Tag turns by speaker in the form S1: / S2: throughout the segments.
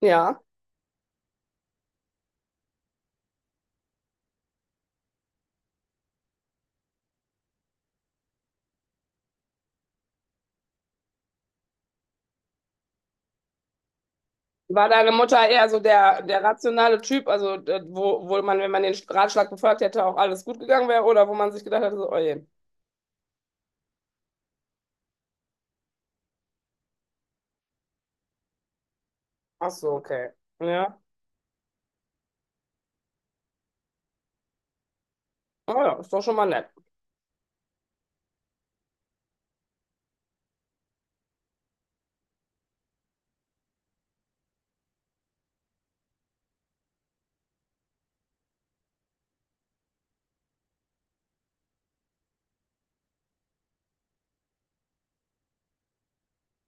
S1: Ja. War deine Mutter eher so der, der rationale Typ, also wo, wo man, wenn man den Ratschlag befolgt hätte, auch alles gut gegangen wäre oder wo man sich gedacht hätte, so, oh je. Ach so, okay. Ja. Oh ja, ist doch schon mal nett.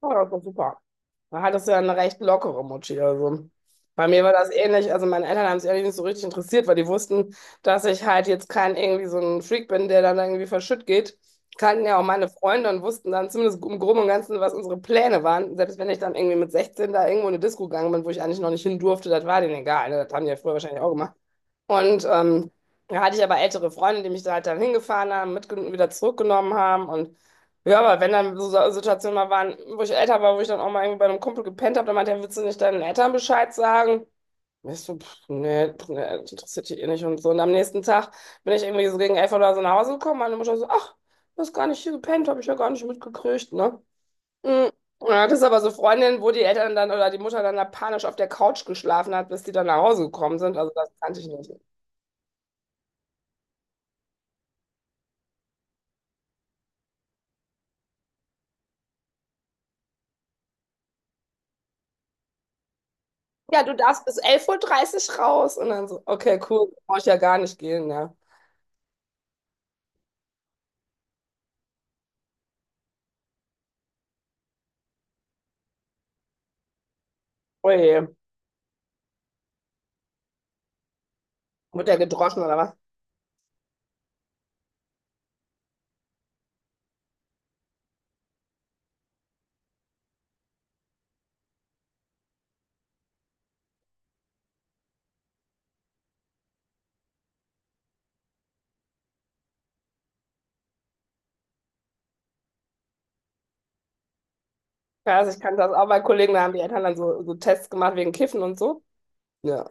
S1: Oh ja, ist doch super. Da hattest du ja eine recht lockere Mutti. Also bei mir war das ähnlich. Also meine Eltern haben es ehrlich nicht so richtig interessiert, weil die wussten, dass ich halt jetzt kein irgendwie so ein Freak bin, der dann irgendwie verschütt geht. Kannten ja auch meine Freunde und wussten dann zumindest im Groben und Ganzen, was unsere Pläne waren. Selbst wenn ich dann irgendwie mit 16 da irgendwo in eine Disco gegangen bin, wo ich eigentlich noch nicht hin durfte, das war denen egal, ne? Das haben die ja früher wahrscheinlich auch gemacht. Und ähm, Da hatte ich aber ältere Freunde, die mich da halt dann hingefahren haben, mitgenommen, wieder zurückgenommen haben. Und ja, aber wenn dann so Situationen mal waren, wo ich älter war, wo ich dann auch mal irgendwie bei einem Kumpel gepennt habe, dann meinte er, willst du nicht deinen Eltern Bescheid sagen? Und ich so, pff, nee, das interessiert die eh nicht und so. Und am nächsten Tag bin ich irgendwie so gegen 11 oder so nach Hause gekommen. Meine Mutter so, ach, du hast gar nicht hier gepennt, habe ich ja gar nicht mitgekriegt, ne? Mhm. Und dann hat es aber so Freundinnen, wo die Eltern dann oder die Mutter dann da panisch auf der Couch geschlafen hat, bis die dann nach Hause gekommen sind. Also das kannte ich nicht. Ja, du darfst bis 11:30 Uhr raus. Und dann so, okay, cool, brauche ich ja gar nicht gehen, ja. Oje, wird der gedroschen oder was? Ja, also ich kannte das auch bei Kollegen, da haben die Eltern dann so, so Tests gemacht wegen Kiffen und so. Ja.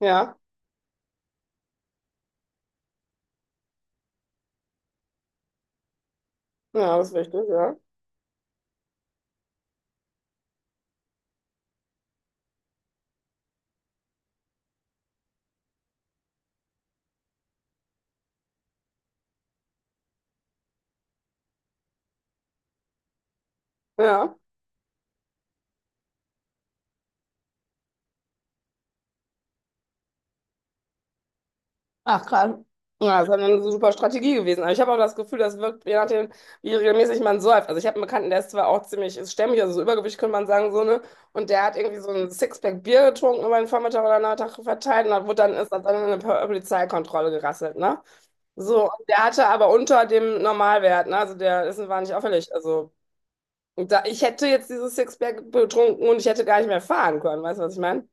S1: Ja, ja, das ist richtig, ja. Ja. Ach, krass. Ja, das ist dann eine super Strategie gewesen. Aber ich habe auch das Gefühl, das wirkt, je nachdem, wie regelmäßig man säuft. Also ich habe einen Bekannten, der ist zwar auch ziemlich ist stämmig, also so Übergewicht könnte man sagen, so, ne? Und der hat irgendwie so ein Sixpack Bier getrunken über den Vormittag oder Nachmittag verteilt und dann wurde dann, ist dann in eine Polizeikontrolle gerasselt, ne? So, und der hatte aber unter dem Normalwert, ne? Also der Essen war nicht auffällig. Also und da, ich hätte jetzt dieses Sixpack betrunken und ich hätte gar nicht mehr fahren können, weißt du, was ich meine?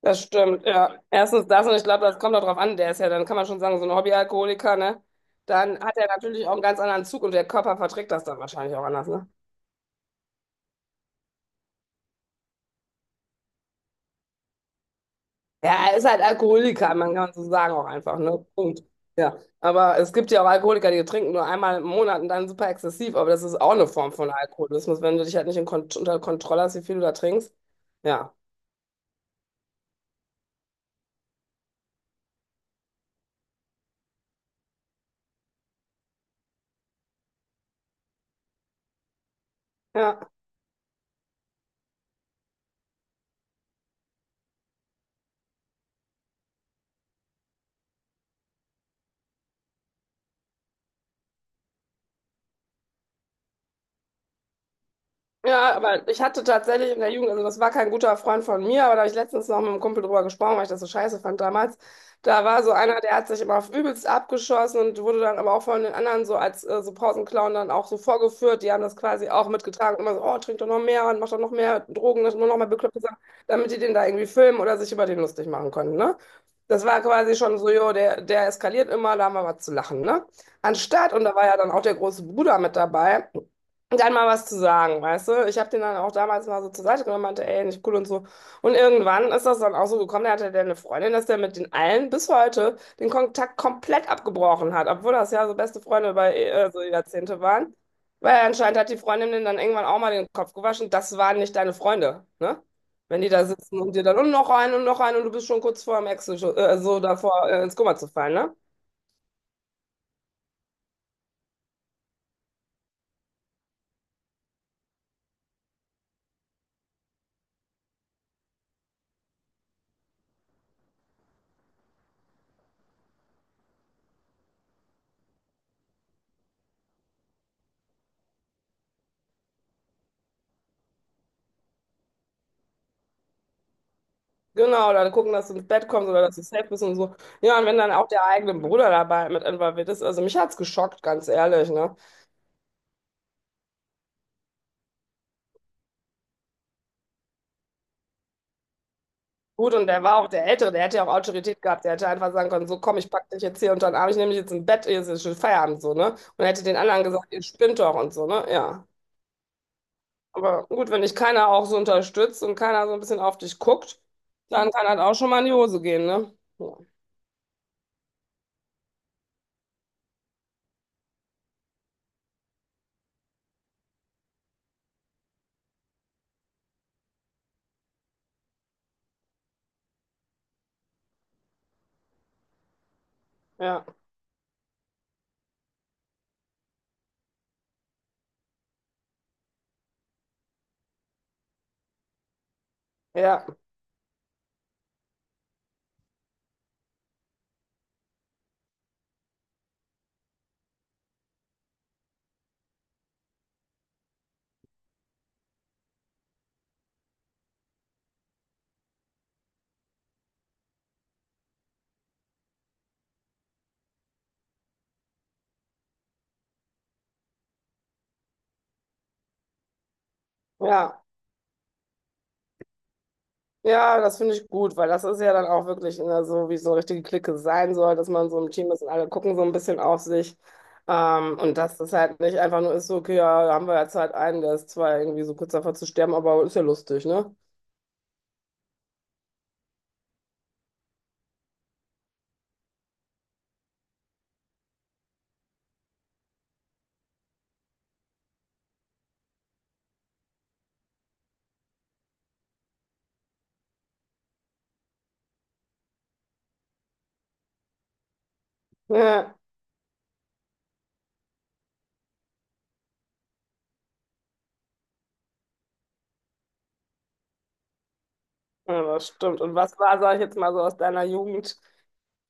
S1: Das stimmt, ja. Erstens das und ich glaube, das kommt auch drauf an. Der ist ja, dann kann man schon sagen, so ein Hobbyalkoholiker, ne? Dann hat er natürlich auch einen ganz anderen Zug und der Körper verträgt das dann wahrscheinlich auch anders, ne? Ja, er ist halt Alkoholiker, man kann so sagen auch einfach, ne? Punkt. Ja. Aber es gibt ja auch Alkoholiker, die trinken nur einmal im Monat und dann super exzessiv, aber das ist auch eine Form von Alkoholismus, wenn du dich halt nicht in Kont unter Kontrolle hast, wie viel du da trinkst. Ja. Ja. Ja, aber ich hatte tatsächlich in der Jugend, also das war kein guter Freund von mir, aber da habe ich letztens noch mit einem Kumpel drüber gesprochen, weil ich das so scheiße fand damals. Da war so einer, der hat sich immer auf übelst abgeschossen und wurde dann aber auch von den anderen so als so Pausenclown dann auch so vorgeführt. Die haben das quasi auch mitgetragen. Immer so, oh, trink doch noch mehr und mach doch noch mehr Drogen, das nur noch mal bekloppte Sachen, damit die den da irgendwie filmen oder sich über den lustig machen konnten, ne? Das war quasi schon so, jo, der, der eskaliert immer, da haben wir was zu lachen, ne? Anstatt, und da war ja dann auch der große Bruder mit dabei, dann mal was zu sagen, weißt du? Ich habe den dann auch damals mal so zur Seite genommen, meinte, ey, nicht cool und so. Und irgendwann ist das dann auch so gekommen, da hatte der eine Freundin, dass der mit den allen bis heute den Kontakt komplett abgebrochen hat, obwohl das ja so beste Freunde über so Jahrzehnte waren. Weil anscheinend hat die Freundin den dann irgendwann auch mal den Kopf gewaschen, das waren nicht deine Freunde, ne? Wenn die da sitzen und dir dann und noch einen und noch einen und du bist schon kurz vor dem Ex, so davor ins Koma zu fallen, ne? Genau, oder gucken, dass du ins Bett kommst oder dass du safe bist und so. Ja, und wenn dann auch der eigene Bruder dabei mit involviert ist, also mich hat's geschockt, ganz ehrlich, ne? Gut, und der war auch der Ältere, der hätte ja auch Autorität gehabt, der hätte einfach sagen können, so komm, ich pack dich jetzt hier unter den Arm, ich nehme dich jetzt ins Bett, hier ist jetzt schon Feierabend, so, ne? Und hätte den anderen gesagt, ihr spinnt doch und so, ne? Ja. Aber gut, wenn dich keiner auch so unterstützt und keiner so ein bisschen auf dich guckt, dann kann halt auch schon mal in die Hose gehen, ne? Ja, ja, ja, ja. Ja, das finde ich gut, weil das ist ja dann auch wirklich ne, so, wie so eine richtige Clique sein soll, dass man so im Team ist und alle gucken so ein bisschen auf sich. Und dass das halt nicht einfach nur ist, so, okay, ja, da haben wir jetzt halt einen, der ist zwar irgendwie so kurz davor zu sterben, aber ist ja lustig, ne? Ja, ja, das stimmt. Und was war, sag ich jetzt mal so aus deiner Jugend?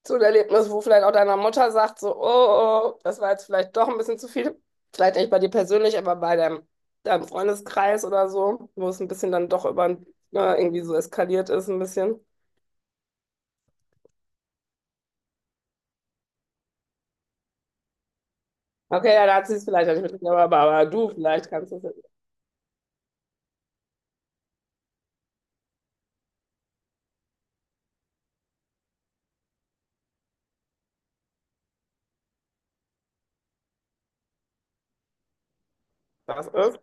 S1: So ein Erlebnis, wo vielleicht auch deiner Mutter sagt, so, oh, oh, oh, das war jetzt vielleicht doch ein bisschen zu viel. Vielleicht nicht bei dir persönlich, aber bei deinem, deinem Freundeskreis oder so, wo es ein bisschen dann doch über irgendwie so eskaliert ist, ein bisschen. Okay, ja, da hat sie es vielleicht ja nicht mitgekriegt, aber du vielleicht kannst es wissen, was ist.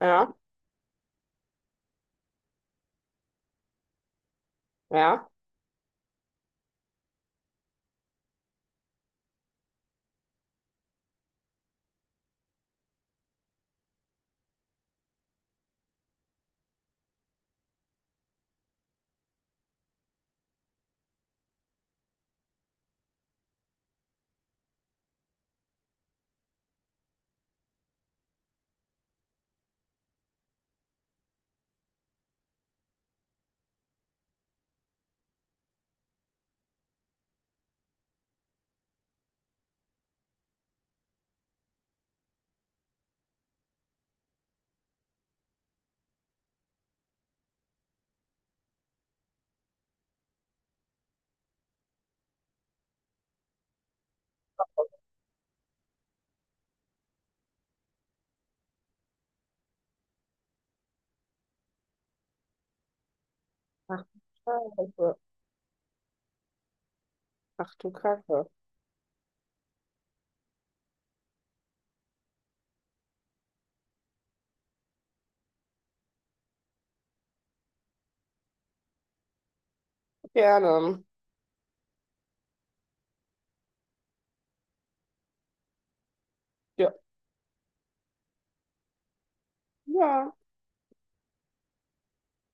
S1: Ja, ja. Ach, du Scheiße. Ach du Kacke. Gerne. Ja. Ja.